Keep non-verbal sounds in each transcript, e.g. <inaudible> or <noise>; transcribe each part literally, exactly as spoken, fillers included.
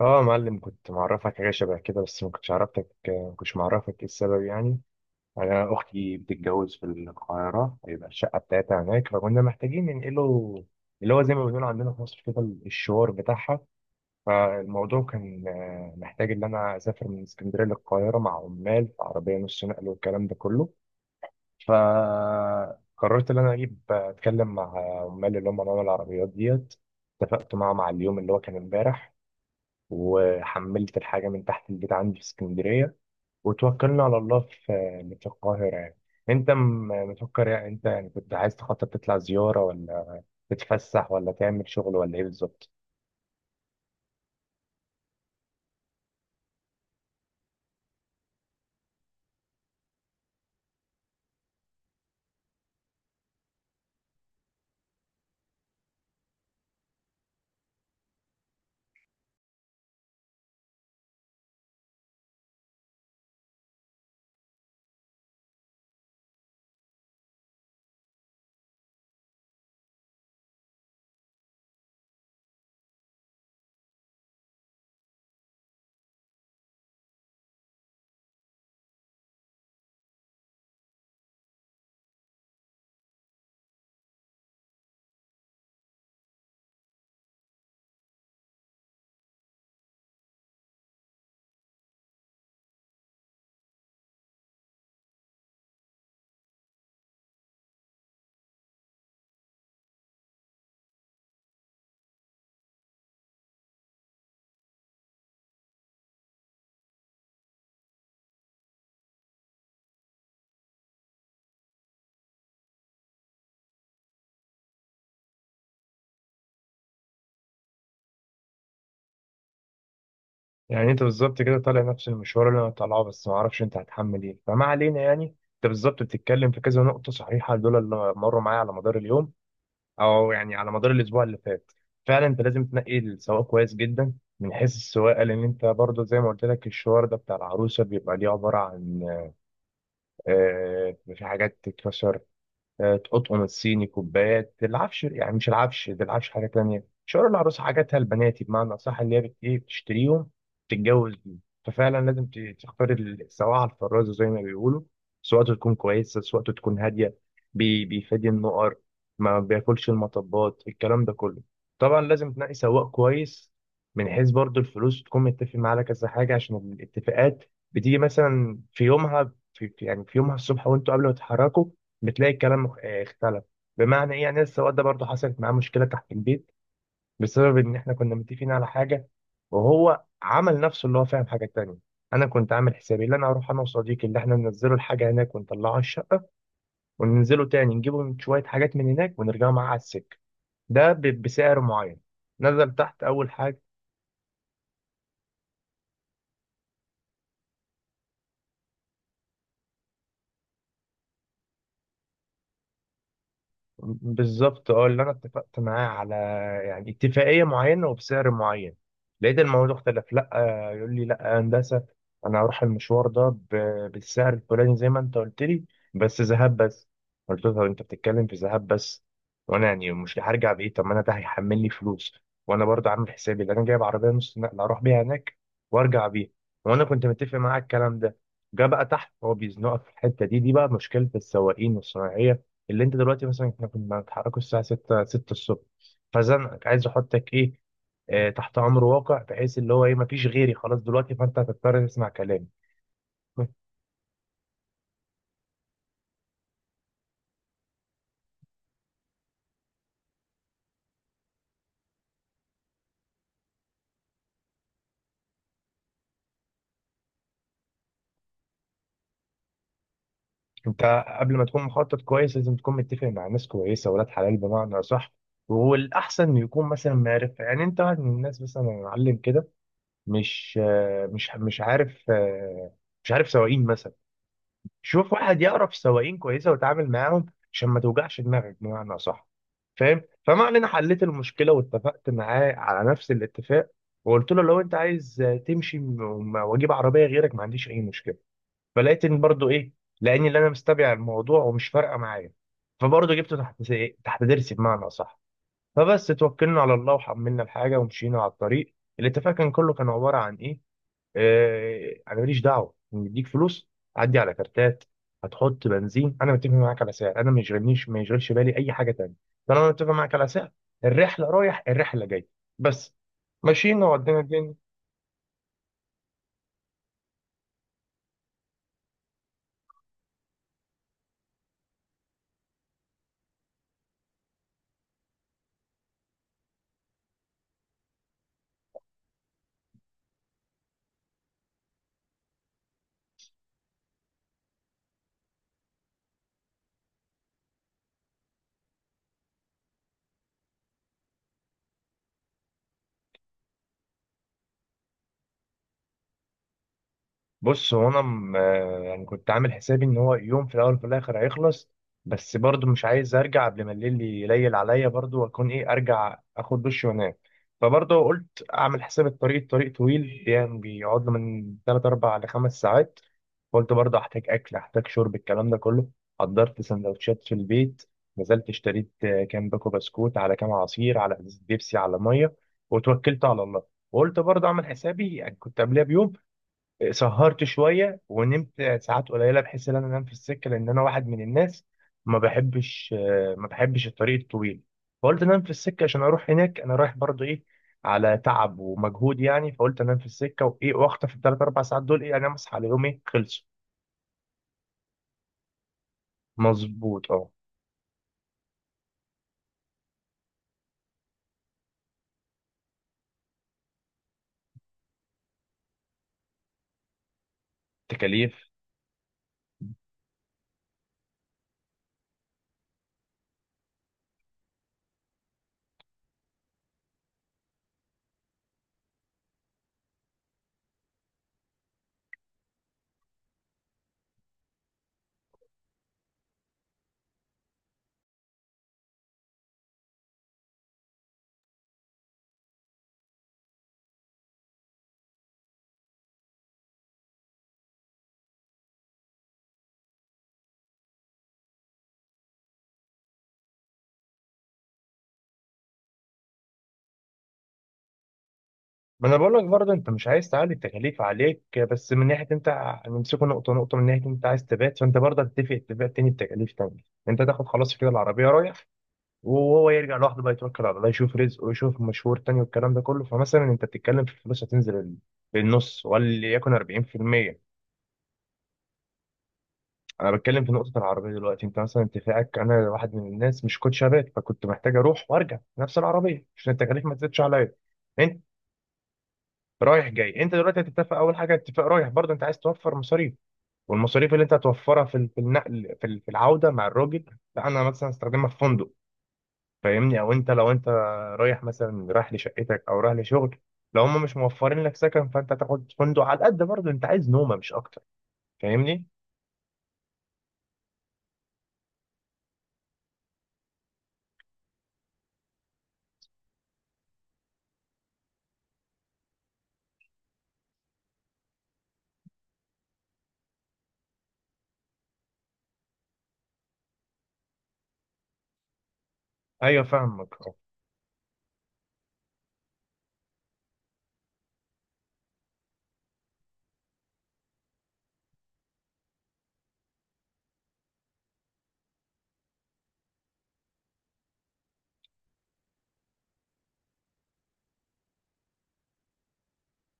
اه يا معلم كنت معرفك حاجه شبه كده، بس ما كنتش عرفتك ما كنتش معرفك ايه السبب يعني. انا اختي بتتجوز في القاهره، هيبقى الشقه بتاعتها هناك فكنا محتاجين ننقله، اللي هو زي ما بنقول عندنا في مصر كده، الشوار بتاعها. فالموضوع كان آه، محتاج ان انا اسافر من اسكندريه للقاهره مع عمال في عربيه نص نقل والكلام ده كله. فقررت ان انا اجيب اتكلم مع عمال اللي هم عمال العربيات ديت. اتفقت معاهم على اليوم اللي هو كان امبارح، وحملت الحاجة من تحت البيت عندي في اسكندرية، وتوكلنا على الله في في القاهرة يعني. انت م- مفكر يعني، انت يعني كنت عايز تخطط تطلع زيارة، ولا تتفسح، ولا تعمل شغل، ولا ايه بالظبط؟ يعني انت بالظبط كده طالع نفس المشوار اللي انا طالعه، بس ما اعرفش انت هتحمل ايه. فما علينا، يعني انت بالظبط بتتكلم في كذا نقطة صحيحة، دول اللي مروا معايا على مدار اليوم، او يعني على مدار الاسبوع اللي فات. فعلا انت لازم تنقي السواق كويس جدا من حيث السواقه، لان انت برضو زي ما قلت لك الشوار ده بتاع العروسه بيبقى ليه عباره عن آه، في حاجات تتكسر. آه، تقطقم الصيني، كوبايات، العفش، يعني مش العفش ده، العفش حاجه تانية. شعور العروسه، حاجاتها البناتي بمعنى اصح، اللي هي بت- ايه بتشتريهم تتجوز بيهم. ففعلا لازم ت- تختار ال- سواعة الفرازه زي ما بيقولوا. سواقته تكون كويسه، سواقته تكون هاديه، بي- بيفادي النقر، ما بياكلش المطبات، الكلام ده كله. طبعا لازم تنقي سواق كويس، من حيث برضو الفلوس تكون متفق معاه على كذا حاجه، عشان الاتفاقات بتيجي مثلا في يومها. في في- يعني في يومها الصبح وانتوا قبل ما تتحركوا بتلاقي الكلام مخ- آه، اختلف. بمعنى ايه يعني؟ لسه الواد ده برضه حصلت معاه مشكله تحت البيت بسبب ان احنا كنا متفقين على حاجه، وهو عمل نفسه اللي هو فاهم حاجه تانية. انا كنت عامل حسابي اللي انا هروح انا وصديقي اللي احنا ننزله الحاجه هناك ونطلعه الشقه، وننزله تاني نجيبه من شويه حاجات من هناك ونرجعه معاه على السكه، ده ب- بسعر معين. نزل تحت اول حاجه، بالظبط اه اللي انا اتفقت معاه على يعني اتفاقيه معينه وبسعر معين، لقيت الموضوع اختلف. لا، آه، يقول لي لا يا هندسه انا هروح المشوار ده ب- بالسعر الفلاني زي ما انت قلت لي، بس ذهاب بس. قلت له طب انت بتتكلم في ذهاب بس، وانا يعني مش هرجع بايه؟ طب ما انا ده هيحمل لي فلوس، وانا برضه عامل حسابي اللي انا جايب عربيه نص نقل اروح بيها هناك وارجع بيها، وانا كنت متفق معاه على الكلام ده. جه بقى تحت هو بيزنقك في الحته دي دي بقى مشكله السواقين والصناعيه، اللي انت دلوقتي مثلا احنا كنا بنتحركوا الساعه ستة ستة الصبح. فزنقك عايز احطك ايه آه، تحت امر واقع، بحيث اللي هو ايه، مفيش غيري خلاص دلوقتي، فانت هتضطر تسمع كلامي. <laughs> انت قبل ما تكون مخطط كويس لازم تكون متفق مع ناس كويسه ولاد حلال بمعنى صح. والاحسن إنه يكون مثلا معرف، يعني انت واحد من الناس مثلا يا معلم كده مش آه، مش مش عارف، آه، مش عارف سواقين مثلا. شوف واحد يقرا في سواقين كويسه وتعامل معاهم، عشان ما توجعش دماغك بمعنى صح. فاهم؟ فما علينا، حليت المشكله واتفقت معاه على نفس الاتفاق، وقلت له لو انت عايز تمشي م- واجيب عربيه غيرك ما عنديش اي مشكله. فلقيت ان برضو ايه، لاني اللي انا مستبع الموضوع ومش فارقه معايا، فبرضه جبته تحت س- تحت ضرسي بمعنى صح. فبس توكلنا على الله وحملنا الحاجه ومشينا على الطريق. الاتفاق كان كله كان عباره عن ايه، آه، انا ماليش دعوه، مديك فلوس، عدي على كارتات، هتحط بنزين، انا متفق معاك على سعر، انا ما يشغلنيش ما يشغلش بالي اي حاجه تانية طالما انا متفق معاك على سعر، الرحله رايح الرحله جاي، بس. ماشيين ودينا الدنيا. بص هو انا م- يعني كنت عامل حسابي ان هو يوم في الاول وفي الاخر هيخلص، بس برضه مش عايز ارجع قبل ما الليل يليل عليا، برضه واكون ايه، ارجع اخد دش وانام. فبرضه قلت اعمل حساب الطريق، الطريق طويل يعني بيقعد له من تلاتة اربعة ل خمس ساعات. قلت برضه احتاج اكل، احتاج شرب، الكلام ده كله. حضرت سندوتشات في البيت، نزلت اشتريت آه، كام باكو بسكوت على كام عصير على ازازة بيبسي على ميه، وتوكلت على الله. وقلت برضه اعمل حسابي، يعني كنت قبلها بيوم سهرت شويه ونمت ساعات قليله بحيث ان انا انام في السكه، لان انا واحد من الناس ما بحبش آه، ما بحبش الطريق الطويل. فقلت انام في السكه، عشان اروح هناك انا رايح برضو ايه، على تعب ومجهود يعني. فقلت انام في السكه وايه، واخطف الثلاث اربع ساعات دول ايه، انام اصحى على يوم ايه خلصوا. مظبوط اه. تكاليف. ما انا بقول لك برضه انت مش عايز تعلي التكاليف عليك، بس من ناحيه انت نمسكه نقطه نقطه، من ناحيه انت عايز تبات، فانت برضه هتتفق اتفاق تاني بتكاليف تانية. انت تاخد خلاص كده العربيه رايح، وهو يرجع لوحده بقى يتوكل على الله يشوف رزقه ويشوف مشوار تاني والكلام ده كله. فمثلا انت بتتكلم في الفلوس هتنزل ال- للنص وليكن اربعين في المية. انا بتكلم في نقطة العربية دلوقتي. انت مثلا اتفاقك، انا واحد من الناس مش كنت شغال، فكنت محتاج اروح وارجع نفس العربية عشان التكاليف ما تزيدش عليا. انت رايح جاي، انت دلوقتي هتتفق اول حاجة اتفاق رايح، برضه انت عايز توفر مصاريف. والمصاريف اللي انت هتوفرها في ال- في النقل، في ال- في العودة مع الراجل، لا انا مثلا استخدمها في فندق. فاهمني؟ او انت لو انت رايح مثلا رايح لشقتك او رايح لشغل، لو هم مش موفرين لك سكن فانت تاخد فندق على قد، برضه انت عايز نومه مش اكتر. فاهمني؟ ايوه فاهمك آه.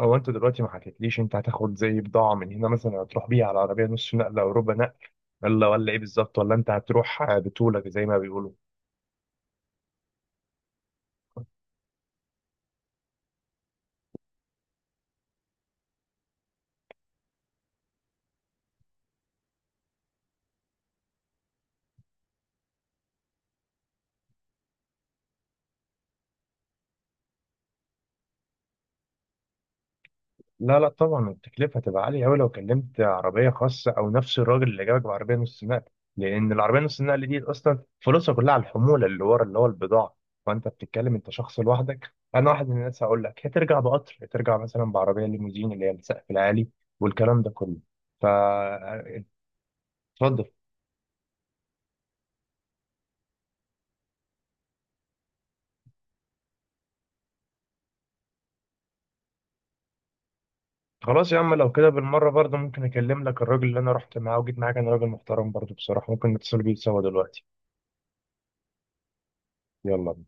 هو انت دلوقتي ما حكيتليش انت هتاخد زي بضاعه من هنا مثلا هتروح بيها على عربيه نص نقله او ربع نقل، ولا ولا ايه بالظبط، ولا انت هتروح بطولك زي ما بيقولوا؟ لا لا، طبعا التكلفة هتبقى عالية أوي لو كلمت عربية خاصة أو نفس الراجل اللي جابك بعربية نص نقل، لأن العربية نص نقل دي أصلا فلوسها كلها على الحمولة اللي ورا اللي هو البضاعة. فأنت بتتكلم أنت شخص لوحدك، أنا واحد من الناس هقول لك هترجع بقطر، هترجع مثلا بعربية ليموزين اللي هي السقف العالي والكلام ده كله، فاتفضل. خلاص يا عم، لو كده بالمرة برضه ممكن أكلم لك الراجل اللي أنا رحت معاه وجيت معاه، كان راجل محترم برضه بصراحة، ممكن نتصل بيه سوا دلوقتي. يلا.